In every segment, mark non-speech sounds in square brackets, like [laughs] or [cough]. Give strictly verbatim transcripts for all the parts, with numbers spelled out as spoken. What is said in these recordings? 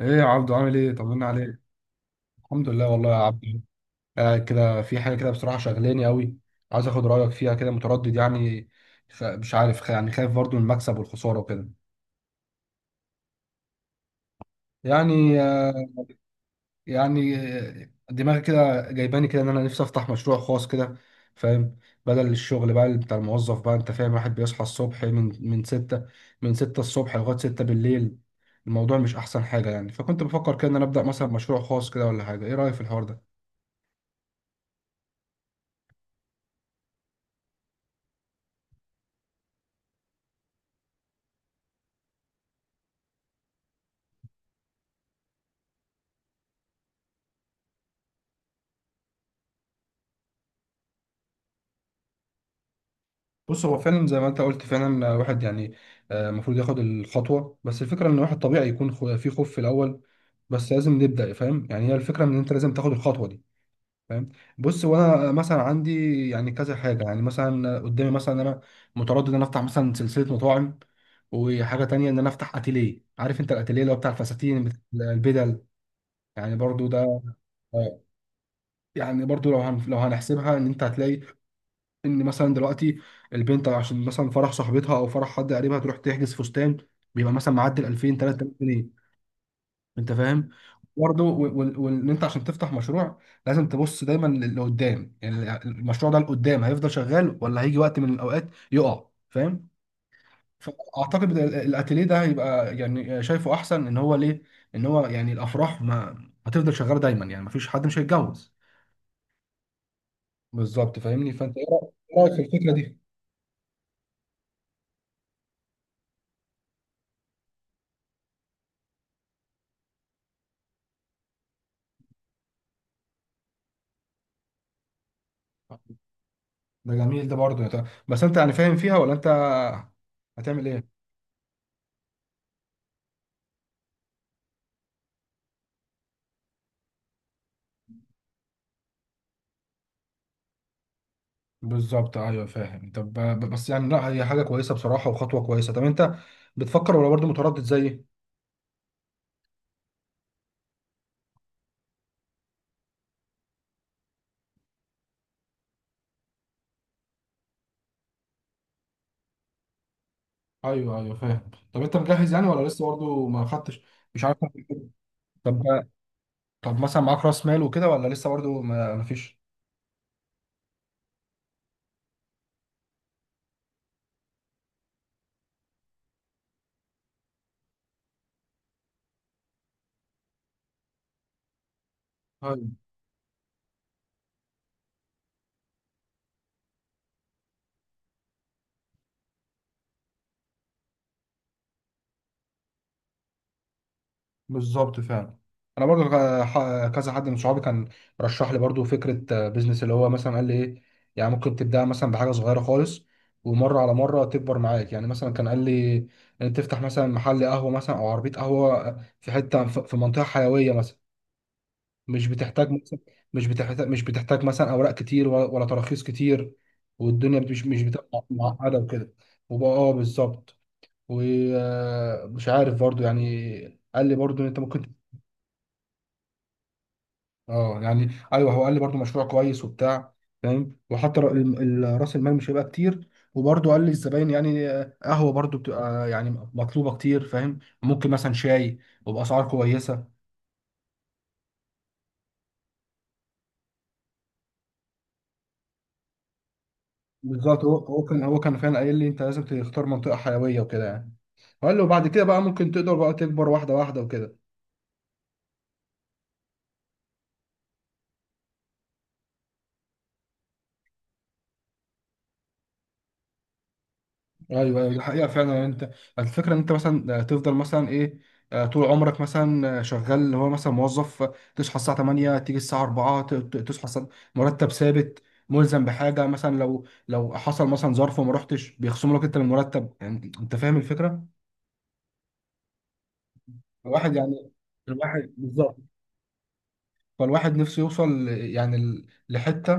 ايه يا عبدو، عامل ايه؟ طمنا عليك. الحمد لله والله يا عبدو. قاعد كده في حاجه كده، بصراحه شغلاني قوي. عايز اخد رايك فيها، كده متردد يعني. خ- مش عارف خ- يعني خايف برضو من المكسب والخساره وكده. يعني آه، يعني آه، دماغي كده جايباني كده ان انا نفسي افتح مشروع خاص كده. فاهم؟ بدل الشغل بقى اللي بتاع الموظف بقى. انت فاهم؟ واحد بيصحى الصبح من من ستة، من ستة الصبح لغايه ستة بالليل. الموضوع مش احسن حاجه يعني. فكنت بفكر كده ان انا ابدا مثلا مشروع خاص كده ولا حاجه. ايه رايك في الحوار ده؟ بص، هو فعلا زي ما انت قلت فعلا، الواحد يعني آه، المفروض ياخد الخطوه. بس الفكره ان الواحد طبيعي يكون خو- في خوف في الاول. بس لازم نبدا. فاهم؟ يعني هي الفكره ان انت لازم تاخد الخطوه دي. فاهم؟ بص، وانا مثلا عندي يعني كذا حاجه. يعني مثلا قدامي، مثلا انا متردد ان انا افتح مثلا سلسله مطاعم، وحاجه تانية ان انا افتح اتيليه. عارف انت الاتيليه اللي هو بتاع الفساتين بتاع البدل؟ يعني برضو ده. آه، يعني برضو لو هن... لو هنحسبها، ان انت هتلاقي ان مثلا دلوقتي البنت عشان مثلا فرح صاحبتها او فرح حد قريبها تروح تحجز فستان بيبقى مثلا معدل الفين تلات آلاف جنيه. انت فاهم؟ برضه وان انت عشان تفتح مشروع لازم تبص دايما لقدام. يعني المشروع ده لقدام هيفضل شغال، ولا هيجي وقت من الاوقات يقع؟ فاهم؟ فاعتقد إن ال- الاتيليه ده هيبقى يعني، شايفه احسن ان هو ليه، ان هو يعني الافراح ما هتفضل شغاله دايما. يعني ما فيش حد مش هيتجوز. بالظبط، فاهمني. فانت ايه رايك؟ إيه رأيك في الفكره دي؟ ده جميل. ده برضه، يا بس انت يعني فاهم فيها ولا انت هتعمل ايه؟ بالظبط، ايوه فاهم. طب ب- بس يعني، لا هي حاجه كويسه بصراحه وخطوه كويسه. طب انت بتفكر ولا برضه متردد زيي؟ ايوه ايوه فاهم. طب انت مجهز يعني ولا لسه برضه ما خدتش؟ مش عارف. طب طب مثلا معاك راس مال وكده، ولا لسه برضه ما ما فيش؟ بالظبط فعلا. انا برضو غ- ح- كذا حد من صحابي كان رشح لي برضو فكره آه، بيزنس. اللي هو مثلا قال لي ايه، يعني ممكن تبدا مثلا بحاجه صغيره خالص، ومره على مره تكبر معاك. يعني مثلا كان قال لي ان تفتح مثلا محل قهوه مثلا او عربيه قهوه آه، في حته ف- في منطقه حيويه مثلا. مش بتحتاج مثلا، مش بتحتاج مش بتحتاج مثلا اوراق كتير ولا, ولا تراخيص كتير. والدنيا بت- مش مش بتبقى معقده وكده. وبقى اه بالظبط. ومش عارف برضو يعني، قال لي برضو ان انت ممكن. اه يعني ايوه، هو قال لي برضو مشروع كويس وبتاع. فاهم؟ وحتى ر- ال- ال- راس المال مش هيبقى كتير. وبرضو قال لي الزباين يعني آه، قهوه برضو بتبقى يعني مطلوبه كتير. فاهم؟ ممكن مثلا شاي، وباسعار كويسه. بالظبط، هو هو كان هو كان فعلا قايل لي انت لازم تختار منطقه حيويه وكده يعني. وقال له بعد كده بقى ممكن تقدر بقى تكبر واحده واحده وكده. ايوه ايوه، دي حقيقه فعلا. يعني انت الفكره ان انت مثلا آه، تفضل مثلا ايه، آه، طول عمرك مثلا آه، شغال اللي هو مثلا موظف. تصحى الساعه تمانية، تيجي الساعه اربعة. ت- ت- تصحى الساعة- مرتب ثابت، ملزم بحاجه. مثلا لو لو حصل مثلا ظرف وما رحتش بيخصموا لك انت من المرتب. يعني انت فاهم الفكره؟ الواحد يعني. الواحد بالظبط. فالواحد نفسه يوصل يعني ل- لحته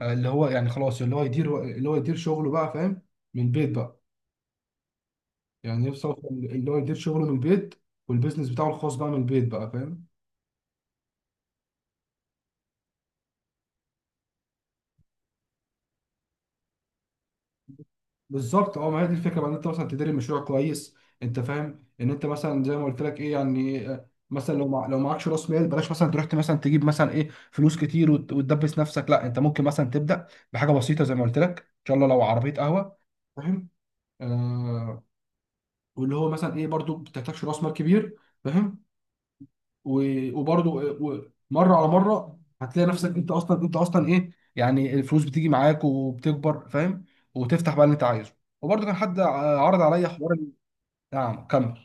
آه، اللي هو يعني خلاص، اللي هو يدير، اللي هو يدير شغله بقى. فاهم؟ من بيت بقى. يعني نفسي اوصل اللي هو يدير شغله من البيت، والبيزنس بتاعه الخاص بقى من البيت بقى. فاهم؟ بالظبط. اه ما هي دي الفكره بقى، ان انت مثلا تدير المشروع كويس. انت فاهم ان انت مثلا زي ما قلت لك، ايه يعني آه، مثلا لو مع... لو معكش راس مال بلاش مثلا تروح مثلا تجيب مثلا ايه فلوس كتير وت... وتدبس نفسك. لا، انت ممكن مثلا تبدا بحاجه بسيطه زي ما قلت لك، ان شاء الله لو عربيه قهوه. فاهم؟ آه. واللي هو مثلا ايه، برضو ما بتحتاجش راس مال كبير. فاهم؟ و- وبرضه و- مره على مره هتلاقي نفسك انت اصلا، انت اصلا ايه يعني الفلوس بتيجي معاك وبتكبر. فاهم؟ وتفتح بقى اللي انت عايزه. وبرضه كان حد ع- عرض عليا حوار ال- نعم كمل.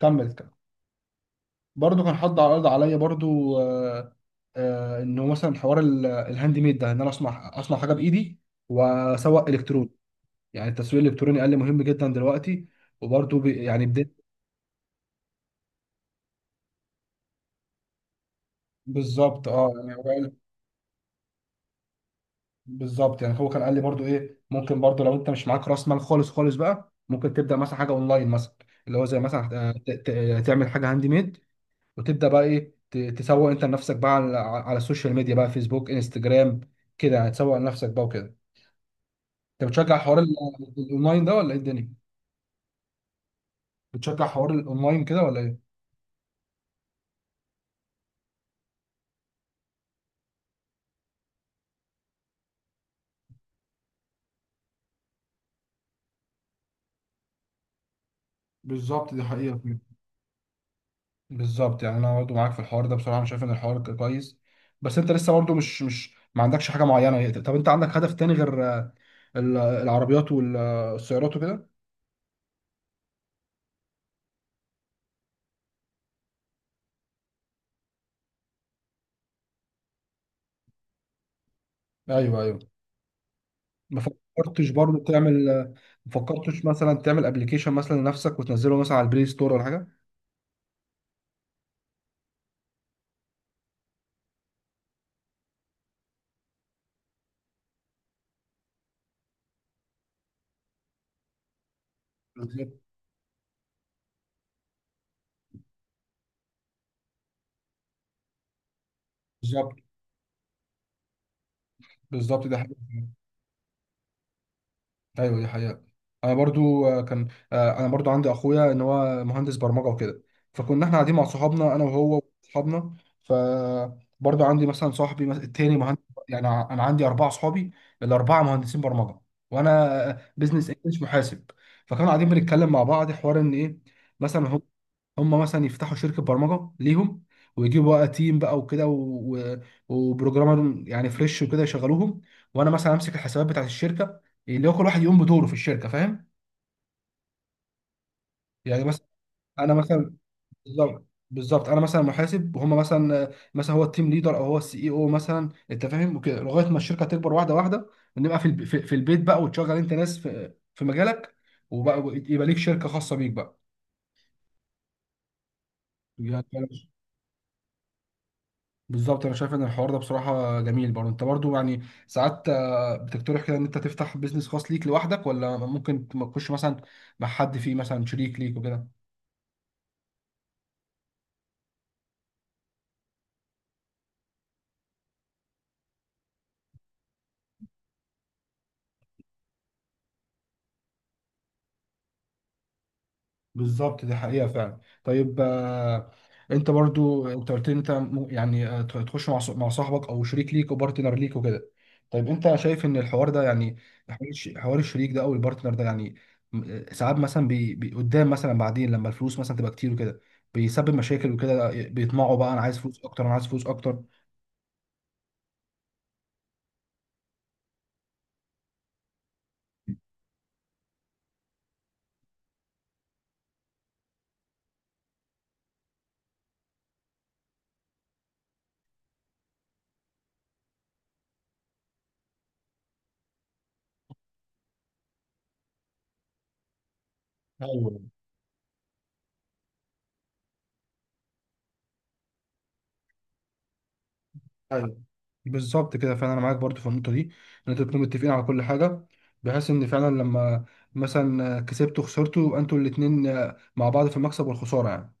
كمل كمل برضه كان حد عرض عليا برضه آه، آه، انه مثلا حوار ال- الهاند ميد ده، ان انا اصنع اصنع حاجه بايدي واسوق الكتروني. يعني التسويق الالكتروني قال لي مهم جدا دلوقتي. وبرضه بي- يعني بدأت. بالظبط اه. يعني بالظبط، يعني هو كان قال لي برضو ايه، ممكن برضو لو انت مش معاك راس مال خالص خالص بقى ممكن تبدا مثلا حاجه اونلاين مثلا. اللي هو زي مثلا آه، ت- ت- تعمل حاجه هاند ميد، وتبدا بقى ايه ت- تسوق انت لنفسك بقى على على السوشيال ميديا بقى، فيسبوك، انستجرام، كده يعني. تسوق لنفسك بقى وكده. انت بتشجع حوار ال- الاونلاين ده، ولا ايه الدنيا؟ بتشجع حوار الاونلاين كده ولا ايه؟ بالظبط دي حقيقة. بالظبط، يعني انا برضه معاك في الحوار ده بصراحه. انا شايف ان الحوار ك- كويس. بس انت لسه برضه مش مش ما عندكش حاجه معينه. طب انت عندك هدف تاني غير آه، ال- العربيات والسيارات وكده؟ ايوه ايوه. ما فكرتش برضه تعمل آه، ما فكرتش مثلا تعمل ابلكيشن مثلا لنفسك وتنزله مثلا على البلاي ستور ولا حاجه؟ بالظبط. بالظبط. بالظبط، ده حاجه. ايوه دي حقيقة. انا برضو آه، كان آه، انا برضو عندي اخويا ان هو مهندس برمجة وكده. فكنا احنا قاعدين مع صحابنا، انا وهو وصحابنا. ف، برضو عندي مثلا صاحبي مس- التاني مهندس. يعني ع- انا عندي اربعة صحابي، الاربعة مهندسين برمجة. وانا بزنس انجلش محاسب. فكانوا قاعدين بنتكلم مع بعض حوار، ان ايه مثلا هم هم مثلا يفتحوا شركة برمجة ليهم، ويجيبوا بقى تيم بقى وكده و... و... وبروجرامر يعني فريش وكده يشغلوهم. وانا مثلا امسك الحسابات بتاعت الشركة. اللي هو كل واحد يقوم بدوره في الشركه. فاهم؟ يعني مثلا. انا مثلا. بالظبط. بالظبط، انا مثلا محاسب، وهم مثلا مثلا هو التيم ليدر او هو السي اي او مثلا. انت فاهم؟ وكده لغايه ما الشركه تكبر واحده واحده، ونبقى في الب- في في البيت بقى، وتشغل انت ناس في في مجالك. وبقى يبقى ليك شركه خاصه بيك بقى. يعني أنا- بالظبط، انا شايف ان الحوار ده بصراحه جميل. برضه انت برضه يعني ساعات آه، بتقترح كده ان انت تفتح بيزنس خاص ليك لوحدك، ولا ممكن تخش مثلا مع حد فيه مثلا شريك ليك وكده؟ بالظبط دي حقيقة فعلا. طيب آه، انت برضو انت قلت لي انت م- يعني آه، ت- تخش مع ص- مع صاحبك او شريك ليك وبارتنر ليك وكده. طيب انت شايف ان الحوار ده يعني، حوار الش- حوار الشريك ده او البارتنر ده يعني، م- آه، ساعات مثلا بي بي- قدام مثلا بعدين لما الفلوس مثلا تبقى كتير وكده بيسبب مشاكل وكده، بيطمعوا بقى، انا عايز فلوس اكتر، انا عايز فلوس اكتر. ايوه ايوه، بالظبط كده فعلا. انا معاك برضو في النقطه دي، ان انتوا تكونوا متفقين على كل حاجه، بحيث ان فعلا لما مثلا كسبتوا خسرتوا يبقى انتوا الاثنين مع بعض في المكسب والخساره يعني.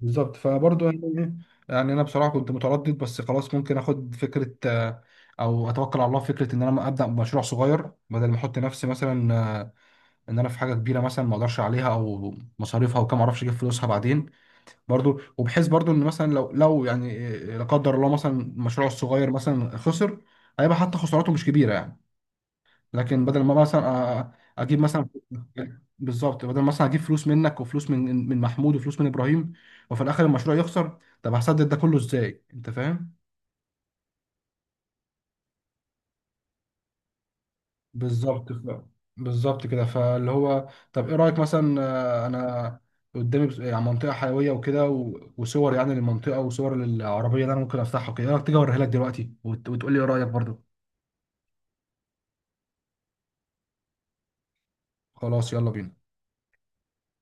بالظبط. فبرضو يعني إيه، يعني انا بصراحه كنت متردد، بس خلاص ممكن اخد فكره آه، او اتوكل على الله في فكره ان انا ابدا بمشروع صغير، بدل ما احط نفسي مثلا آه، ان انا في حاجه كبيره مثلا ما اقدرش عليها او مصاريفها وكم اعرفش اجيب فلوسها بعدين. برضو، وبحيث برضو ان مثلا لو لو يعني إيه، لا قدر الله مثلا مشروعه الصغير مثلا خسر، هيبقى حتى خسارته مش كبيره يعني. لكن بدل ما مثلا أ- اجيب مثلا [laughs] بالظبط، بدل مثلا اجيب فلوس منك وفلوس من من محمود وفلوس من ابراهيم، وفي الاخر المشروع يخسر. طب هسدد ده كله ازاي؟ انت فاهم؟ بالظبط ف... بالظبط كده. فاللي هو، طب ايه رأيك مثلا آه، انا قدامي بس- يعني منطقة حيوية وكده و... وصور يعني للمنطقة وصور للعربية اللي انا ممكن افتحها كده. ايه رأيك تيجي اوريها لك دلوقتي وت... وتقول لي ايه رأيك برضو؟ خلاص يلا بينا.